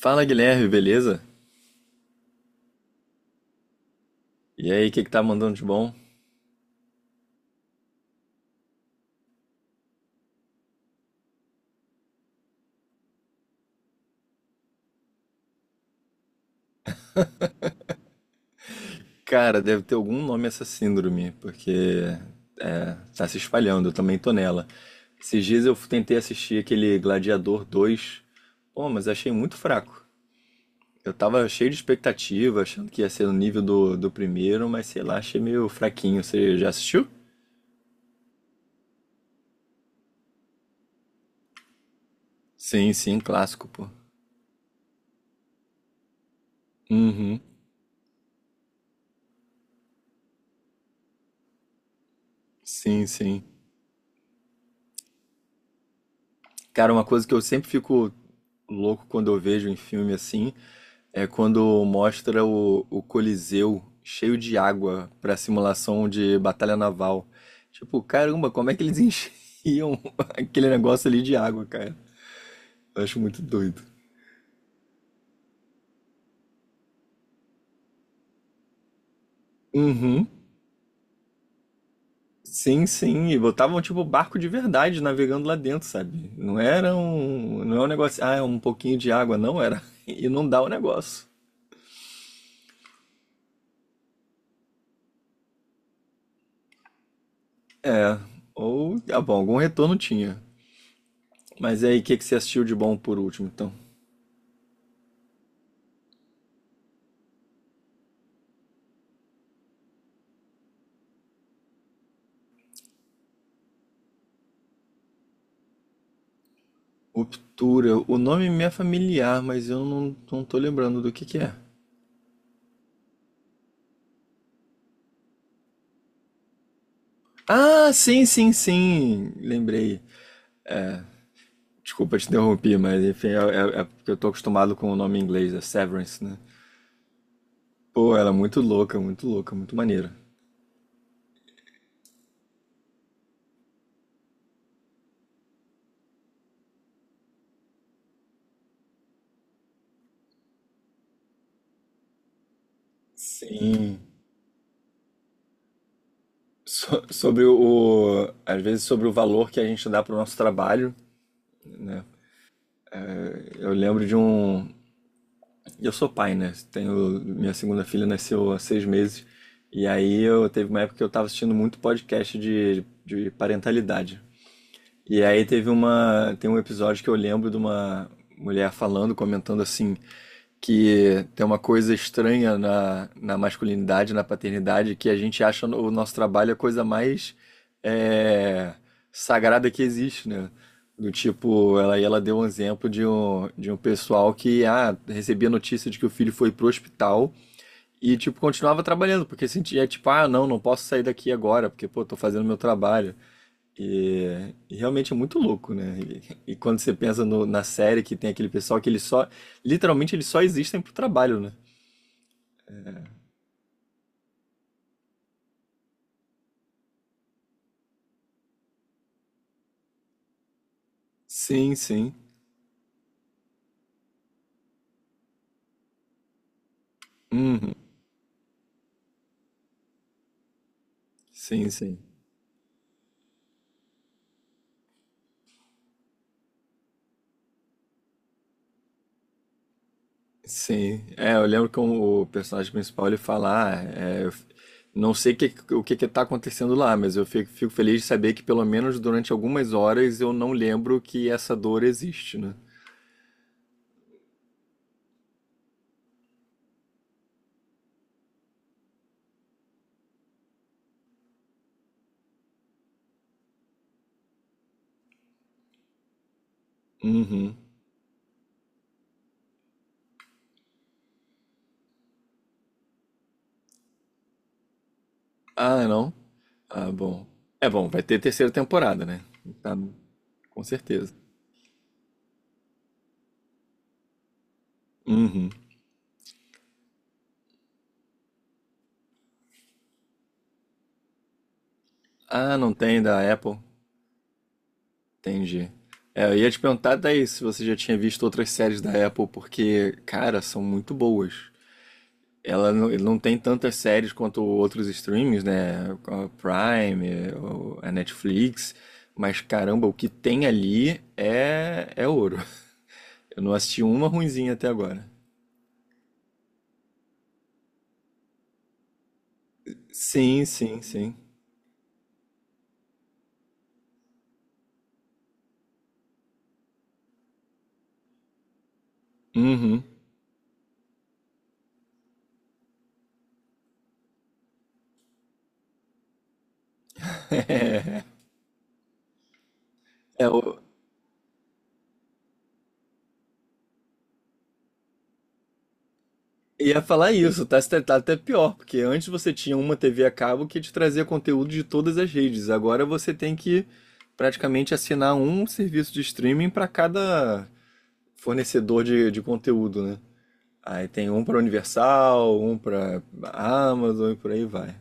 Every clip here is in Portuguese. Fala Guilherme, beleza? E aí, o que que tá mandando de bom? Cara, deve ter algum nome essa síndrome, porque tá se espalhando, eu também tô nela. Esses dias eu tentei assistir aquele Gladiador dois. Pô, mas achei muito fraco. Eu tava cheio de expectativa, achando que ia ser no nível do primeiro, mas sei lá, achei meio fraquinho. Você já assistiu? Sim, sim, clássico, pô. Uhum. Sim, sim. Cara, uma coisa que eu sempre fico louco quando eu vejo em filme assim é quando mostra o Coliseu cheio de água pra simulação de batalha naval. Tipo, caramba, como é que eles enchiam aquele negócio ali de água, cara? Eu acho muito doido. Uhum. Sim, sim, e botavam tipo barco de verdade navegando lá dentro, sabe? Não é um negócio, ah, é um pouquinho de água, não era. E não dá o negócio. É, ou, ah, bom, algum retorno tinha. Mas e aí, o que que você assistiu de bom por último, então? Ruptura. O nome me é familiar, mas eu não tô lembrando do que é. Ah, sim, sim, sim. Lembrei. Desculpa te interromper, mas enfim, é porque eu tô acostumado com o nome em inglês, é Severance, né? Pô, ela é muito louca, muito louca, muito maneira. Sim. Sobre o, às vezes sobre o valor que a gente dá pro nosso trabalho, né? Eu lembro de um. E eu sou pai, né? Tenho, minha segunda filha nasceu há seis meses. E aí eu teve uma época que eu tava assistindo muito podcast de parentalidade. E aí teve uma, tem um episódio que eu lembro de uma mulher falando, comentando assim, que tem uma coisa estranha na masculinidade, na paternidade, que a gente acha o nosso trabalho a coisa mais, é, sagrada que existe, né? Do tipo, ela, e ela deu um exemplo de um pessoal que ah, recebia notícia de que o filho foi pro hospital e, tipo, continuava trabalhando, porque sentia, tipo, ah, não, não posso sair daqui agora, porque, pô, tô fazendo meu trabalho. E realmente é muito louco, né? E quando você pensa na série que tem aquele pessoal que eles só, literalmente eles só existem pro trabalho, né? Sim, sim. Uhum. Sim, sim. Sim. É, eu lembro que o personagem principal ele fala, ah, é, não sei o que que tá acontecendo lá, mas eu fico, fico feliz de saber que pelo menos durante algumas horas eu não lembro que essa dor existe, né? Uhum. Ah, não? Ah, bom. É bom, vai ter terceira temporada, né? Tá, com certeza. Uhum. Ah, não tem da Apple. Entendi. É, eu ia te perguntar daí se você já tinha visto outras séries da Apple, porque, cara, são muito boas. Ela não, ele não tem tantas séries quanto outros streams, né? A Prime, eh, a Netflix. Mas caramba, o que tem ali é ouro. Eu não assisti uma ruinzinha até agora. Sim, sim, sim. Uhum. É, o- Ia falar isso. Tá Tá até pior, porque antes você tinha uma TV a cabo que te trazia conteúdo de todas as redes. Agora você tem que praticamente assinar um serviço de streaming para cada fornecedor de conteúdo, né? Aí tem um para Universal, um para Amazon e por aí vai.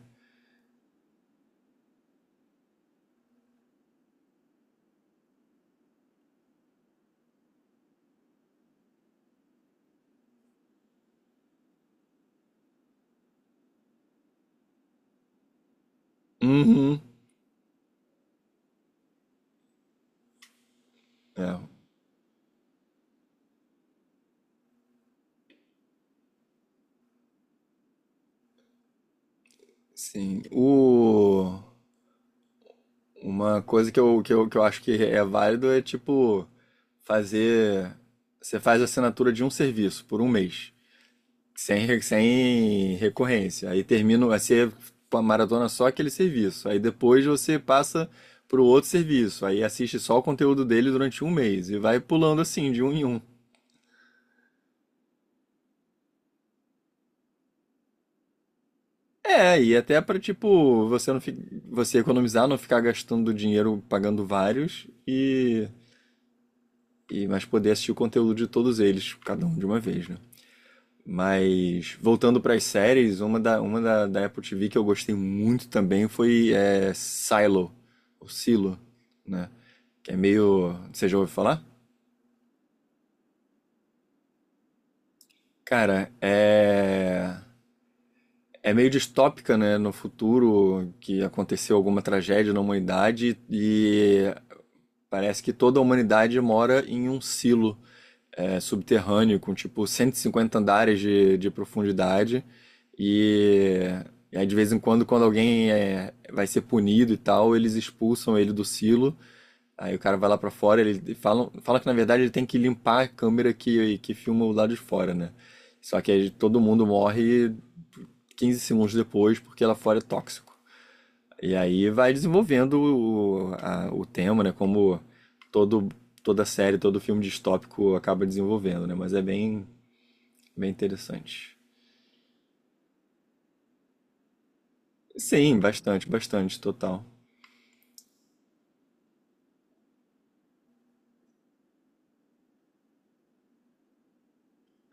Uhum. É, sim. O... Uma coisa que eu, que eu acho que é válido é tipo fazer. Você faz a assinatura de um serviço por um mês. Sem recorrência. Aí termina, vai ser uma maratona só aquele serviço. Aí depois você passa para o outro serviço. Aí assiste só o conteúdo dele durante um mês e vai pulando assim, de um em um. É, e até para tipo, você economizar, não ficar gastando dinheiro pagando vários e mas poder assistir o conteúdo de todos eles, cada um de uma vez, né? Mas voltando para as séries, da Apple TV que eu gostei muito também foi, é, Silo, ou Silo, né? Que é meio. Você já ouviu falar? Cara, é. É meio distópica, né? No futuro que aconteceu alguma tragédia na humanidade e parece que toda a humanidade mora em um silo. É, subterrâneo, com tipo 150 andares de profundidade. E, de vez em quando, quando alguém é, vai ser punido e tal, eles expulsam ele do silo. Aí o cara vai lá pra fora, ele fala que na verdade ele tem que limpar a câmera que filma o lado de fora, né? Só que aí todo mundo morre 15 segundos depois porque lá fora é tóxico. E aí vai desenvolvendo o tema, né? Como todo, toda série, todo filme distópico acaba desenvolvendo, né? Mas é bem interessante. Sim, bastante, bastante, total.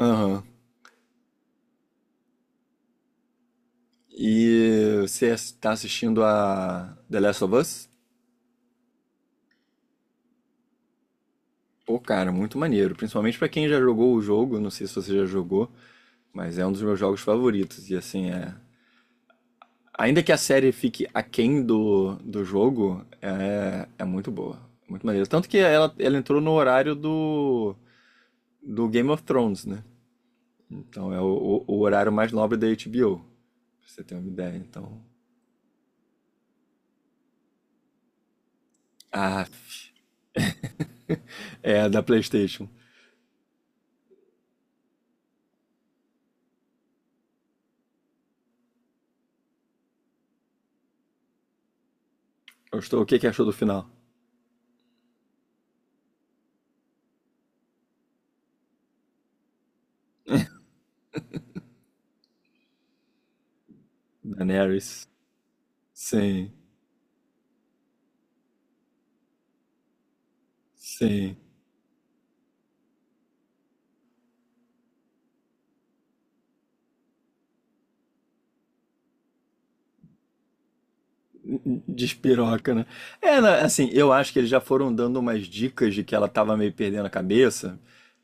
Aham. E você está assistindo a The Last of Us? Pô, cara, muito maneiro. Principalmente pra quem já jogou o jogo, não sei se você já jogou, mas é um dos meus jogos favoritos. E assim, é, ainda que a série fique aquém do jogo, é muito boa. Muito maneira. Tanto que ela entrou no horário do Game of Thrones, né? Então é o horário mais nobre da HBO. Pra você ter uma ideia, então. Ah, é da PlayStation. Gostou? O que, que achou do final? Daenerys. Sim, sim. Despiroca, né? É, assim, eu acho que eles já foram dando umas dicas de que ela tava meio perdendo a cabeça.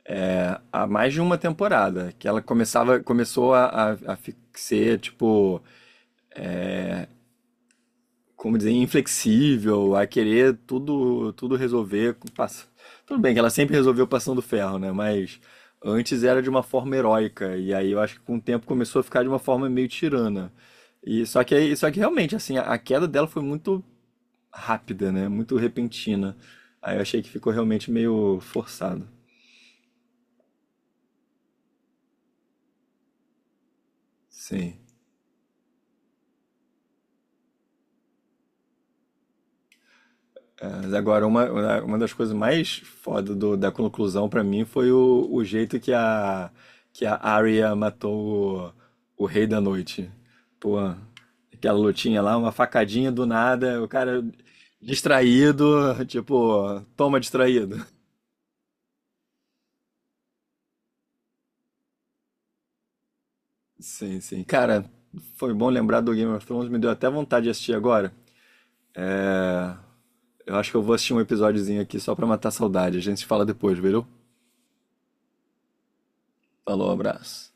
É, há mais de uma temporada, que ela começava, começou ser, tipo, como dizer, inflexível, a querer tudo, tudo resolver. Tudo bem que ela sempre resolveu passando ferro, né? Mas antes era de uma forma heróica, e aí eu acho que com o tempo começou a ficar de uma forma meio tirana. Só que realmente, assim, a queda dela foi muito rápida, né? Muito repentina. Aí eu achei que ficou realmente meio forçado. Sim. É, mas agora, uma das coisas mais foda da conclusão pra mim foi o jeito que a Arya matou o Rei da Noite. Pô, aquela lutinha lá, uma facadinha do nada, o cara distraído, tipo, toma distraído. Sim, sim. Cara, foi bom lembrar do Game of Thrones, me deu até vontade de assistir agora. É, eu acho que eu vou assistir um episódiozinho aqui só pra matar a saudade. A gente se fala depois, viu? Falou, abraço.